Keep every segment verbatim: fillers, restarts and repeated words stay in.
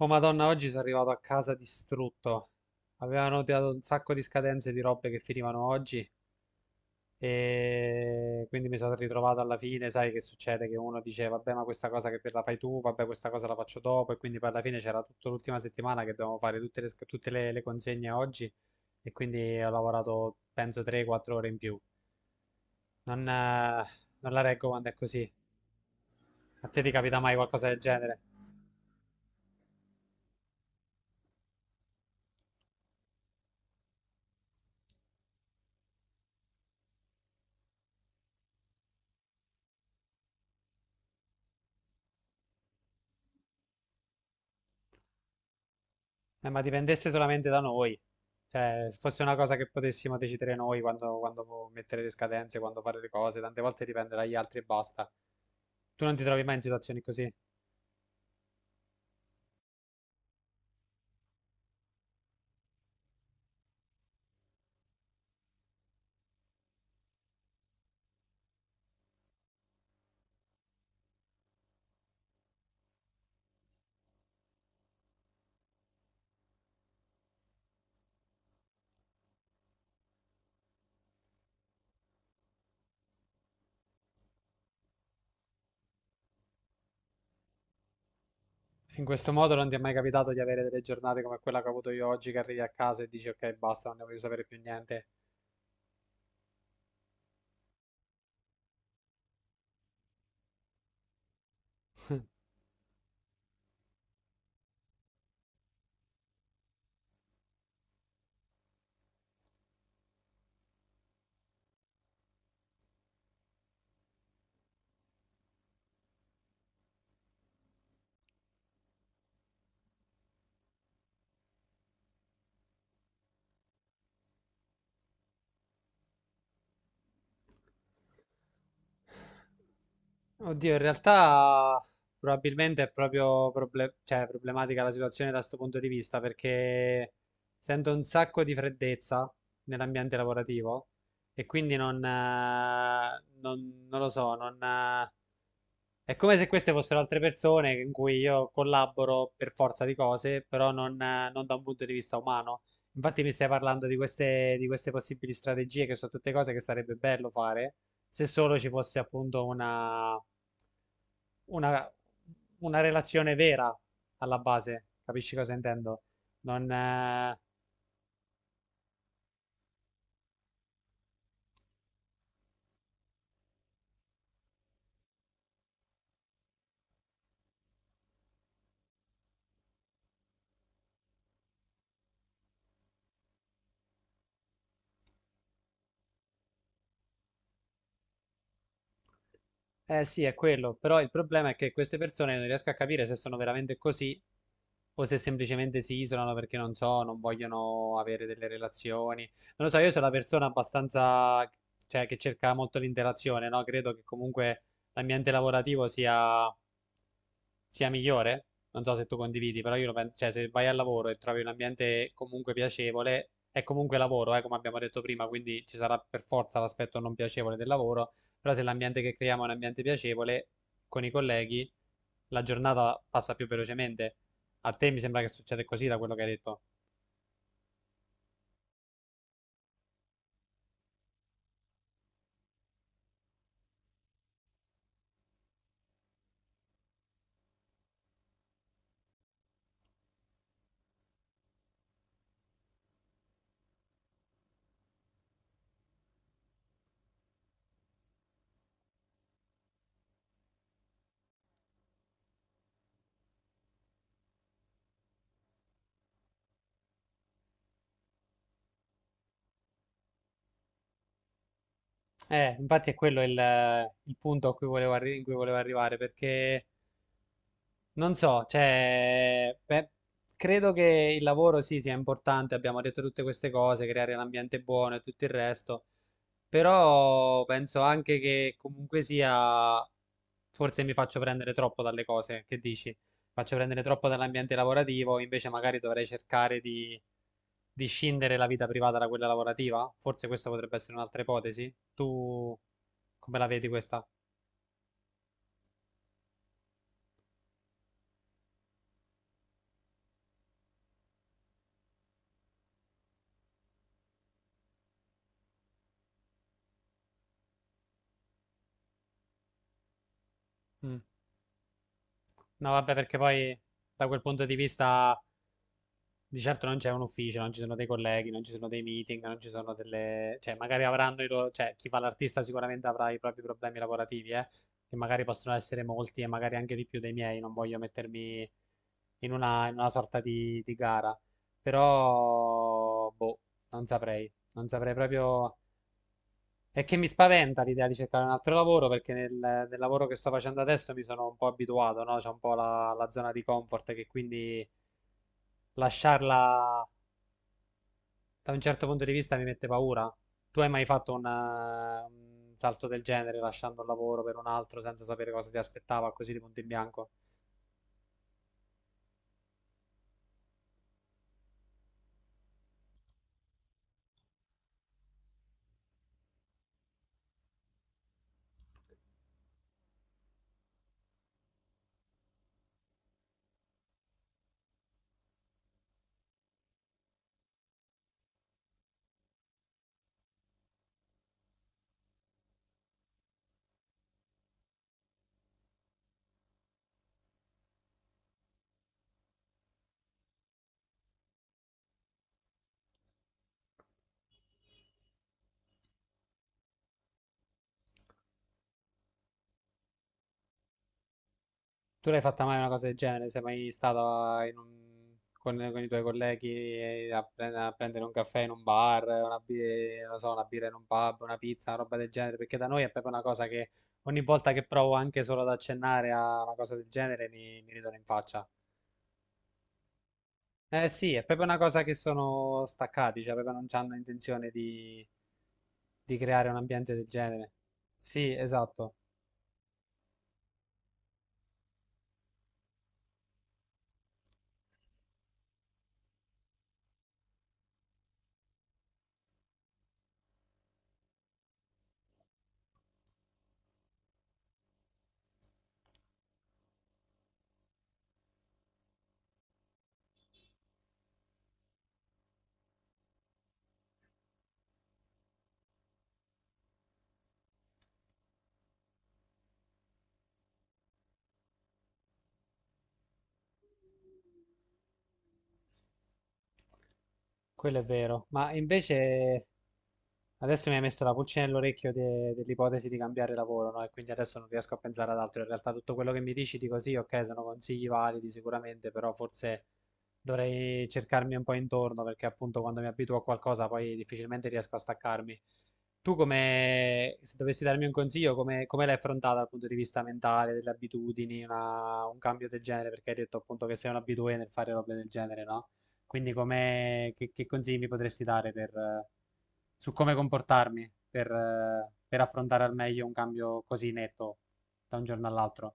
Oh Madonna, oggi sono arrivato a casa distrutto. Avevano tirato un sacco di scadenze di robe che finivano oggi e quindi mi sono ritrovato alla fine, sai che succede? Che uno dice vabbè ma questa cosa che la fai tu, vabbè questa cosa la faccio dopo e quindi poi alla fine c'era tutta l'ultima settimana che dovevamo fare tutte le, sc- tutte le- le consegne oggi e quindi ho lavorato penso tre quattro ore in più. Non, eh, non la reggo quando è così. A te ti capita mai qualcosa del genere? Eh, ma dipendesse solamente da noi, cioè se fosse una cosa che potessimo decidere noi quando, quando mettere le scadenze, quando fare le cose, tante volte dipende dagli altri e basta. Tu non ti trovi mai in situazioni così. In questo modo non ti è mai capitato di avere delle giornate come quella che ho avuto io oggi, che arrivi a casa e dici ok, basta, non ne voglio sapere più niente. Oddio, in realtà probabilmente è proprio proble- cioè, problematica la situazione da questo punto di vista perché sento un sacco di freddezza nell'ambiente lavorativo e quindi non, eh, non- non lo so, non, eh, è come se queste fossero altre persone in cui io collaboro per forza di cose, però non, eh, non da un punto di vista umano. Infatti mi stai parlando di queste, di queste possibili strategie che sono tutte cose che sarebbe bello fare se solo ci fosse appunto una una, una relazione vera alla base, capisci cosa intendo? Non, eh, eh sì, è quello, però il problema è che queste persone non riesco a capire se sono veramente così o se semplicemente si isolano perché non so, non vogliono avere delle relazioni. Non lo so, io sono una persona abbastanza, cioè, che cerca molto l'interazione, no? Credo che comunque l'ambiente lavorativo sia sia migliore. Non so se tu condividi, però io lo penso, cioè se vai al lavoro e trovi un ambiente comunque piacevole, è comunque lavoro, eh, come abbiamo detto prima, quindi ci sarà per forza l'aspetto non piacevole del lavoro, però se l'ambiente che creiamo è un ambiente piacevole con i colleghi, la giornata passa più velocemente. A te mi sembra che succeda così da quello che hai detto. Eh, infatti è quello il, il punto a cui volevo arri- in cui volevo arrivare, perché non so, cioè, beh, credo che il lavoro sì sia importante, abbiamo detto tutte queste cose, creare l'ambiente buono e tutto il resto, però penso anche che comunque sia, forse mi faccio prendere troppo dalle cose, che dici? Faccio prendere troppo dall'ambiente lavorativo, invece magari dovrei cercare di, di, scindere la vita privata da quella lavorativa? Forse questa potrebbe essere un'altra ipotesi. Tu come la vedi questa? Mm. No, vabbè, perché poi da quel punto di vista di certo non c'è un ufficio, non ci sono dei colleghi, non ci sono dei meeting, non ci sono delle. Cioè, magari avranno i loro. Cioè, chi fa l'artista sicuramente avrà i propri problemi lavorativi, eh, che magari possono essere molti e magari anche di più dei miei. Non voglio mettermi in una, in una, sorta di, di gara. Però, boh, non saprei. Non saprei proprio. È che mi spaventa l'idea di cercare un altro lavoro perché nel, nel, lavoro che sto facendo adesso mi sono un po' abituato, no? C'è un po' la, la zona di comfort che quindi lasciarla da un certo punto di vista mi mette paura. Tu hai mai fatto un, eh, un salto del genere, lasciando un lavoro per un altro senza sapere cosa ti aspettava, così di punto in bianco? Tu l'hai fatta mai una cosa del genere? Sei mai stata in un- con, con i tuoi colleghi eh, a, pre- a prendere un caffè in un bar, una, bi- non so, una birra in un pub, una pizza, una roba del genere? Perché da noi è proprio una cosa che ogni volta che provo anche solo ad accennare a una cosa del genere mi, mi ridono in faccia. Eh sì, è proprio una cosa che sono staccati, cioè proprio non hanno intenzione di, di creare un ambiente del genere. Sì, esatto, quello è vero. Ma invece adesso mi hai messo la pulce nell'orecchio de- dell'ipotesi di cambiare lavoro, no? E quindi adesso non riesco a pensare ad altro. In realtà tutto quello che mi dici dico sì, ok, sono consigli validi sicuramente, però forse dovrei cercarmi un po' intorno perché appunto quando mi abituo a qualcosa poi difficilmente riesco a staccarmi. Tu come, se dovessi darmi un consiglio, come, come l'hai affrontata dal punto di vista mentale, delle abitudini, una- un cambio del genere? Perché hai detto appunto che sei un abitué nel fare robe del genere, no? Quindi come, che, che consigli mi potresti dare per... eh, su come comportarmi per, eh, per affrontare al meglio un cambio così netto da un giorno all'altro.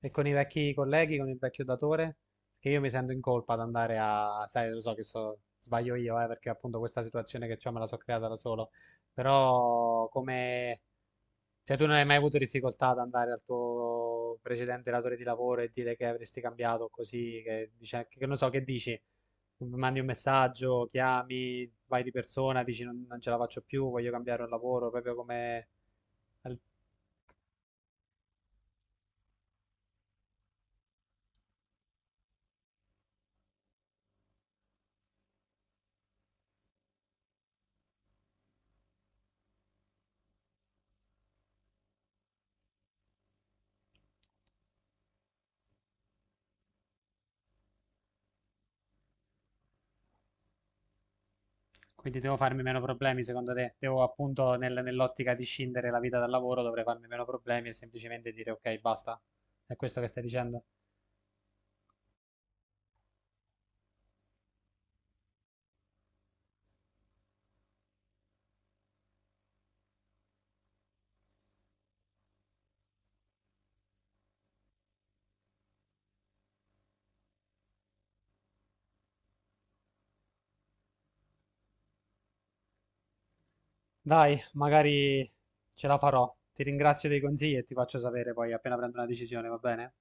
E con i vecchi colleghi, con il vecchio datore, che io mi sento in colpa ad andare a, sai, lo so che so, sbaglio io, eh, perché appunto questa situazione che ho me la so creata da solo, però come, cioè, tu non hai mai avuto difficoltà ad andare al tuo precedente datore di lavoro e dire che avresti cambiato così, che, dice, che non so, che dici? Mandi un messaggio, chiami, vai di persona, dici non, non ce la faccio più, voglio cambiare un lavoro, proprio come al- Quindi devo farmi meno problemi, secondo te? Devo appunto nel- nell'ottica di scindere la vita dal lavoro, dovrei farmi meno problemi e semplicemente dire ok, basta. È questo che stai dicendo? Dai, magari ce la farò. Ti ringrazio dei consigli e ti faccio sapere poi appena prendo una decisione, va bene?